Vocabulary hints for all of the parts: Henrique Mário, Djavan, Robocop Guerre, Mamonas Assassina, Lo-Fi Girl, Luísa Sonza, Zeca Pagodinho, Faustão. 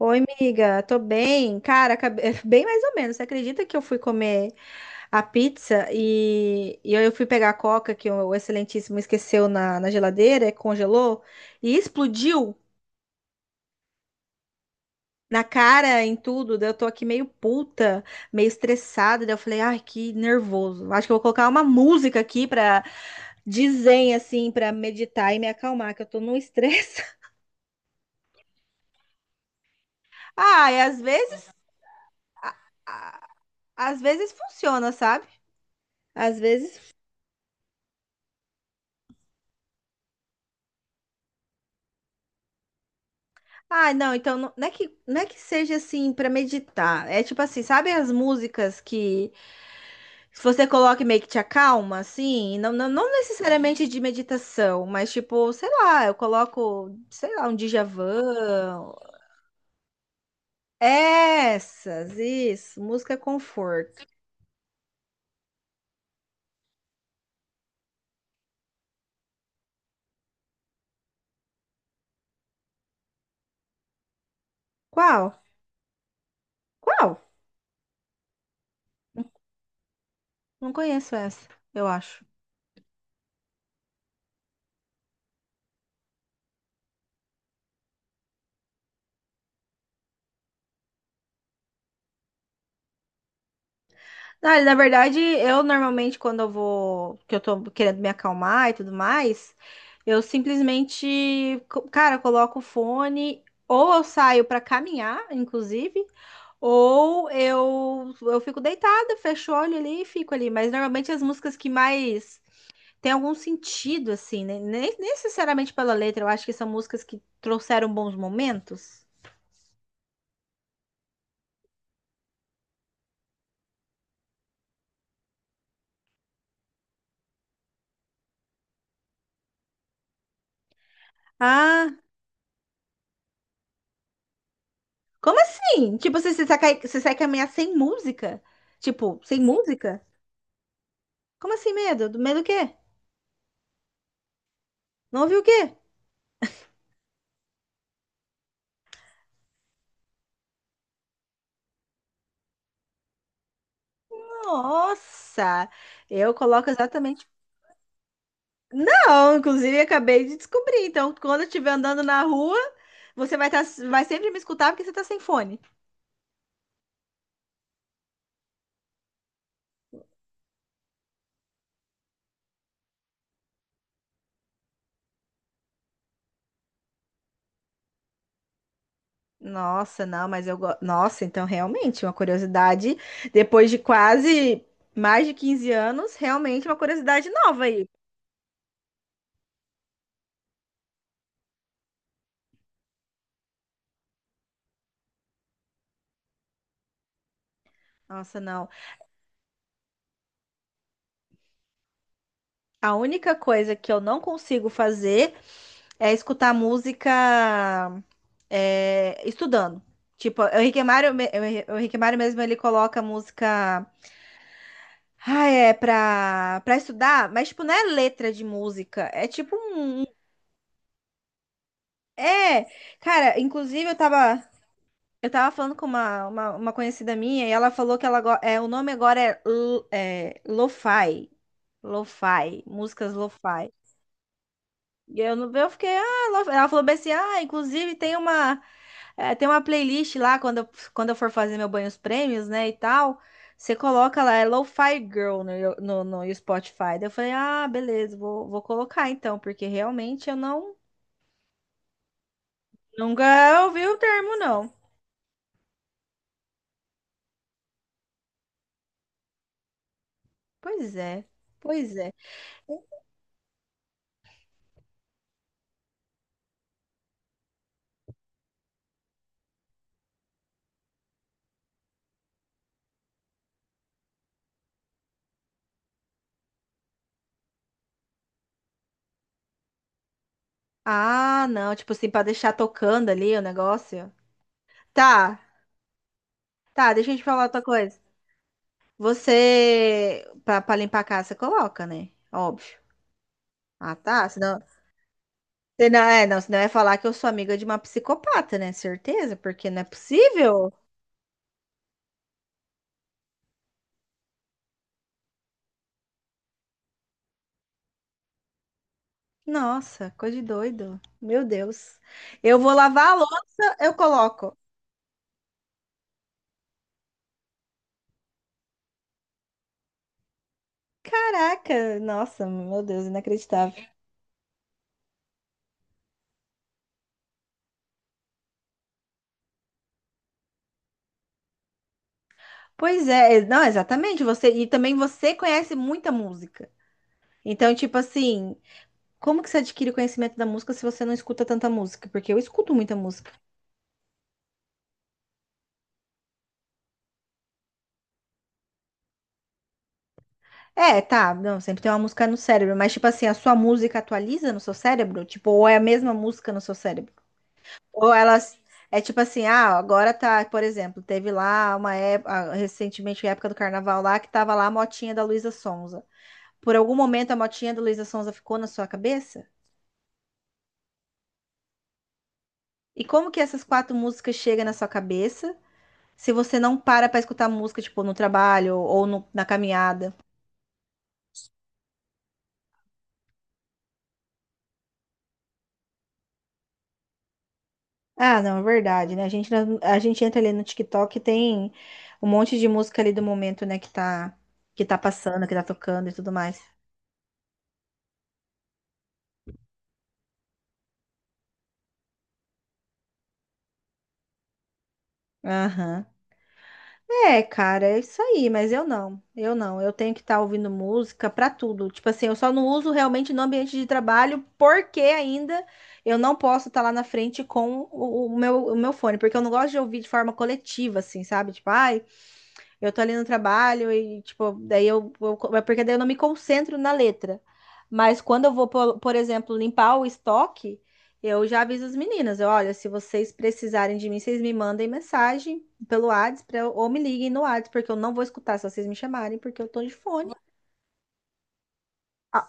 Oi, amiga, tô bem. Cara, bem mais ou menos. Você acredita que eu fui comer a pizza e eu fui pegar a coca que o Excelentíssimo esqueceu na geladeira, congelou e explodiu na cara, em tudo. Daí eu tô aqui meio puta, meio estressada. Daí eu falei, ai, que nervoso. Acho que eu vou colocar uma música aqui pra dizer, assim, pra meditar e me acalmar, que eu tô num estresse. Ah, e às vezes funciona, sabe? Às vezes ah, não, então não é que seja assim pra meditar. É tipo assim, sabe as músicas que se você coloca e meio que te acalma, assim? Não, não, não necessariamente de meditação, mas tipo, sei lá, eu coloco, sei lá, um Djavan. Essas, isso, música conforto. Qual? Qual? Não conheço essa, eu acho. Ah, na verdade, eu normalmente quando eu vou, que eu tô querendo me acalmar e tudo mais, eu simplesmente, cara, coloco o fone, ou eu saio pra caminhar, inclusive, ou eu fico deitada, fecho o olho ali e fico ali, mas normalmente as músicas que mais têm algum sentido assim, né? Nem necessariamente pela letra, eu acho que são músicas que trouxeram bons momentos. Ah, como assim? Tipo, você sai, você sai caminhar sem música? Tipo, sem música? Como assim medo? Do medo do quê? Não ouviu o quê? Nossa! Eu coloco exatamente. Não, inclusive acabei de descobrir. Então, quando eu estiver andando na rua, você vai, tá, vai sempre me escutar porque você tá sem fone. Nossa, não, mas eu gosto. Nossa, então realmente, uma curiosidade. Depois de quase mais de 15 anos, realmente uma curiosidade nova aí. Nossa, não. A única coisa que eu não consigo fazer é escutar música é, estudando. Tipo, o Henrique Mário mesmo, ele coloca música. Ah, é pra estudar, mas tipo, não é letra de música. É tipo um. É. Cara, inclusive eu tava. Eu tava falando com uma conhecida minha e ela falou que ela é, o nome agora é, é lo-fi. Lo-fi, músicas lo-fi. E eu, eu fiquei, ah, lo-fi. Ela falou bem assim, ah, inclusive tem uma. É, tem uma playlist lá quando eu for fazer meu banho os prêmios, né, e tal. Você coloca lá, é Lo-Fi Girl no Spotify. Daí eu falei, ah, beleza, vou colocar então, porque realmente eu não nunca ouvi o termo, não. Pois é, pois é. Ah, não, tipo assim, pra deixar tocando ali o negócio. Tá, tá, deixa eu te falar outra coisa. Você, pra limpar a casa, você coloca, né? Óbvio. Ah, tá, senão, você não, é, não, senão eu ia falar que eu sou amiga de uma psicopata, né? Certeza, porque não é possível. Nossa, coisa de doido. Meu Deus. Eu vou lavar a louça, eu coloco. Caraca, nossa, meu Deus, inacreditável. Pois é, não, exatamente, você e também você conhece muita música. Então, tipo assim, como que você adquire conhecimento da música se você não escuta tanta música? Porque eu escuto muita música. É, tá, não, sempre tem uma música no cérebro, mas tipo assim, a sua música atualiza no seu cérebro? Tipo, ou é a mesma música no seu cérebro? Ou elas. É tipo assim, ah, agora tá, por exemplo, teve lá uma época, recentemente, época do carnaval lá, que tava lá a motinha da Luísa Sonza. Por algum momento a motinha da Luísa Sonza ficou na sua cabeça? E como que essas quatro músicas chegam na sua cabeça se você não para pra escutar música, tipo, no trabalho ou na caminhada? Ah, não, é verdade, né? A gente entra ali no TikTok e tem um monte de música ali do momento, né, que tá passando, que tá tocando e tudo mais. Aham. É, cara, é isso aí, mas eu não. Eu não. Eu tenho que estar ouvindo música pra tudo. Tipo assim, eu só não uso realmente no ambiente de trabalho, porque ainda eu não posso estar lá na frente com o meu fone, porque eu não gosto de ouvir de forma coletiva, assim, sabe? Tipo, ai, eu tô ali no trabalho e, tipo, daí porque daí eu não me concentro na letra. Mas quando eu vou, por exemplo, limpar o estoque, eu já aviso as meninas, eu, olha, se vocês precisarem de mim, vocês me mandem mensagem pelo WhatsApp pra ou me liguem no WhatsApp, porque eu não vou escutar se vocês me chamarem, porque eu tô de fone. Ah,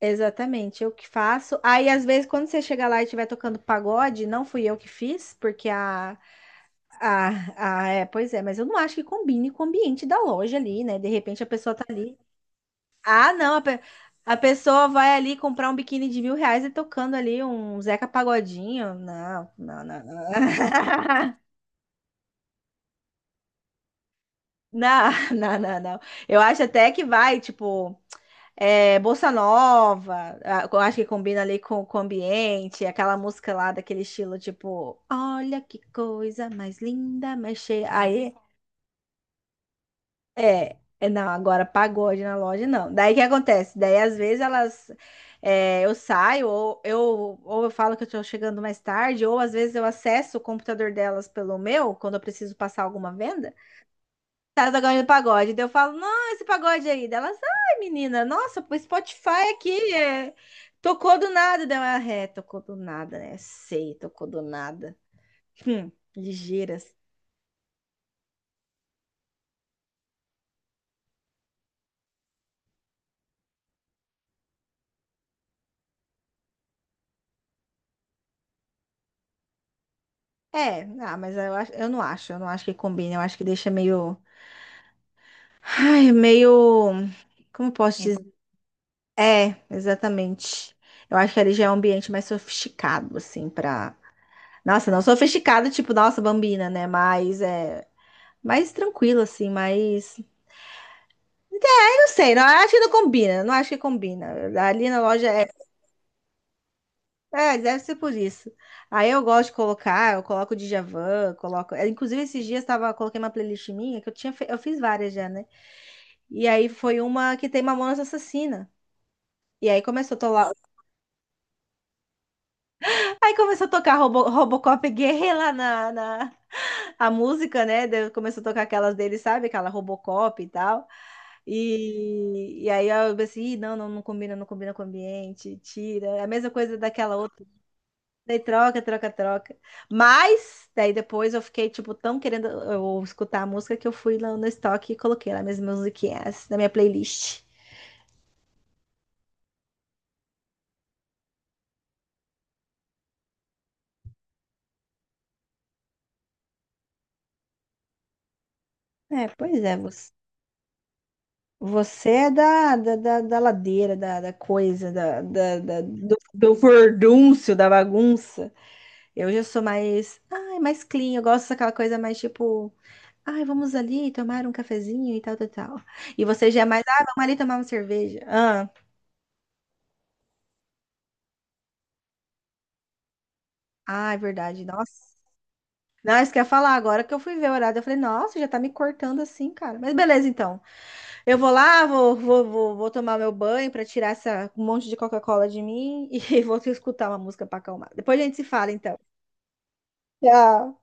exatamente, eu que faço. Aí, às vezes, quando você chega lá e estiver tocando pagode, não fui eu que fiz, porque a, é, pois é, mas eu não acho que combine com o ambiente da loja ali, né? De repente a pessoa tá ah, não, a pessoa vai ali comprar um biquíni de 1.000 reais e tocando ali um Zeca Pagodinho. Não, não, não, não. Não, não, não, não. Eu acho até que vai, tipo, é, Bossa Nova, eu acho que combina ali com o ambiente, aquela música lá daquele estilo, tipo, olha que coisa mais linda, mais cheia. Aí é, é, não, agora pagode na loja não. Daí o que acontece? Daí às vezes elas, é, eu saio, ou ou eu falo que eu tô chegando mais tarde, ou às vezes eu acesso o computador delas pelo meu, quando eu preciso passar alguma venda. Tá tocando pagode, daí eu falo, não, esse pagode aí. Daí elas, ai menina, nossa, o Spotify aqui é, tocou do nada. Daí eu, "Ah, é, tocou do nada, né? Sei, tocou do nada. Hum, ligeiras. É, ah, mas eu, eu não acho que combina, eu acho que deixa meio. Ai, meio. Como posso dizer? É, exatamente. Eu acho que ali já é um ambiente mais sofisticado, assim, pra. Nossa, não sofisticado, tipo, nossa, Bambina, né? Mas é. Mais tranquilo, assim, mais. Eu não sei, não eu acho que não combina, não acho que combina. Ali na loja é. É, deve ser por isso. Aí eu gosto de colocar, eu coloco o Djavan, coloco. É, inclusive, esses dias tava, coloquei uma playlist minha, que eu tinha, eu fiz várias já, né? E aí foi uma que tem Mamonas Assassina. E aí começou a aí começou a tocar Robocop Guerre lá na a música, né? Daí começou a tocar aquelas dele, sabe? Aquela Robocop e tal. E aí eu pensei, "Ih, não, não, não combina, não combina com o ambiente, tira. É a mesma coisa daquela outra. Daí troca. Mas, daí depois eu fiquei, tipo, tão querendo eu, escutar a música que eu fui lá no estoque e coloquei lá minhas musiquinhas na minha playlist. É, pois é, você é da ladeira, da coisa, do, do furdúncio, da bagunça. Eu já sou mais, ai, mais clean, eu gosto daquela coisa mais tipo, ai, vamos ali tomar um cafezinho e tal, tal, tal. E você já é mais, ah, vamos ali tomar uma cerveja. Ah, ah, é verdade, nossa. Não, isso que eu ia falar agora que eu fui ver o horário, eu falei, nossa, já tá me cortando assim, cara. Mas beleza, então. Eu vou lá, vou tomar meu banho para tirar essa um monte de Coca-Cola de mim e vou escutar uma música para acalmar. Depois a gente se fala, então. Tchau.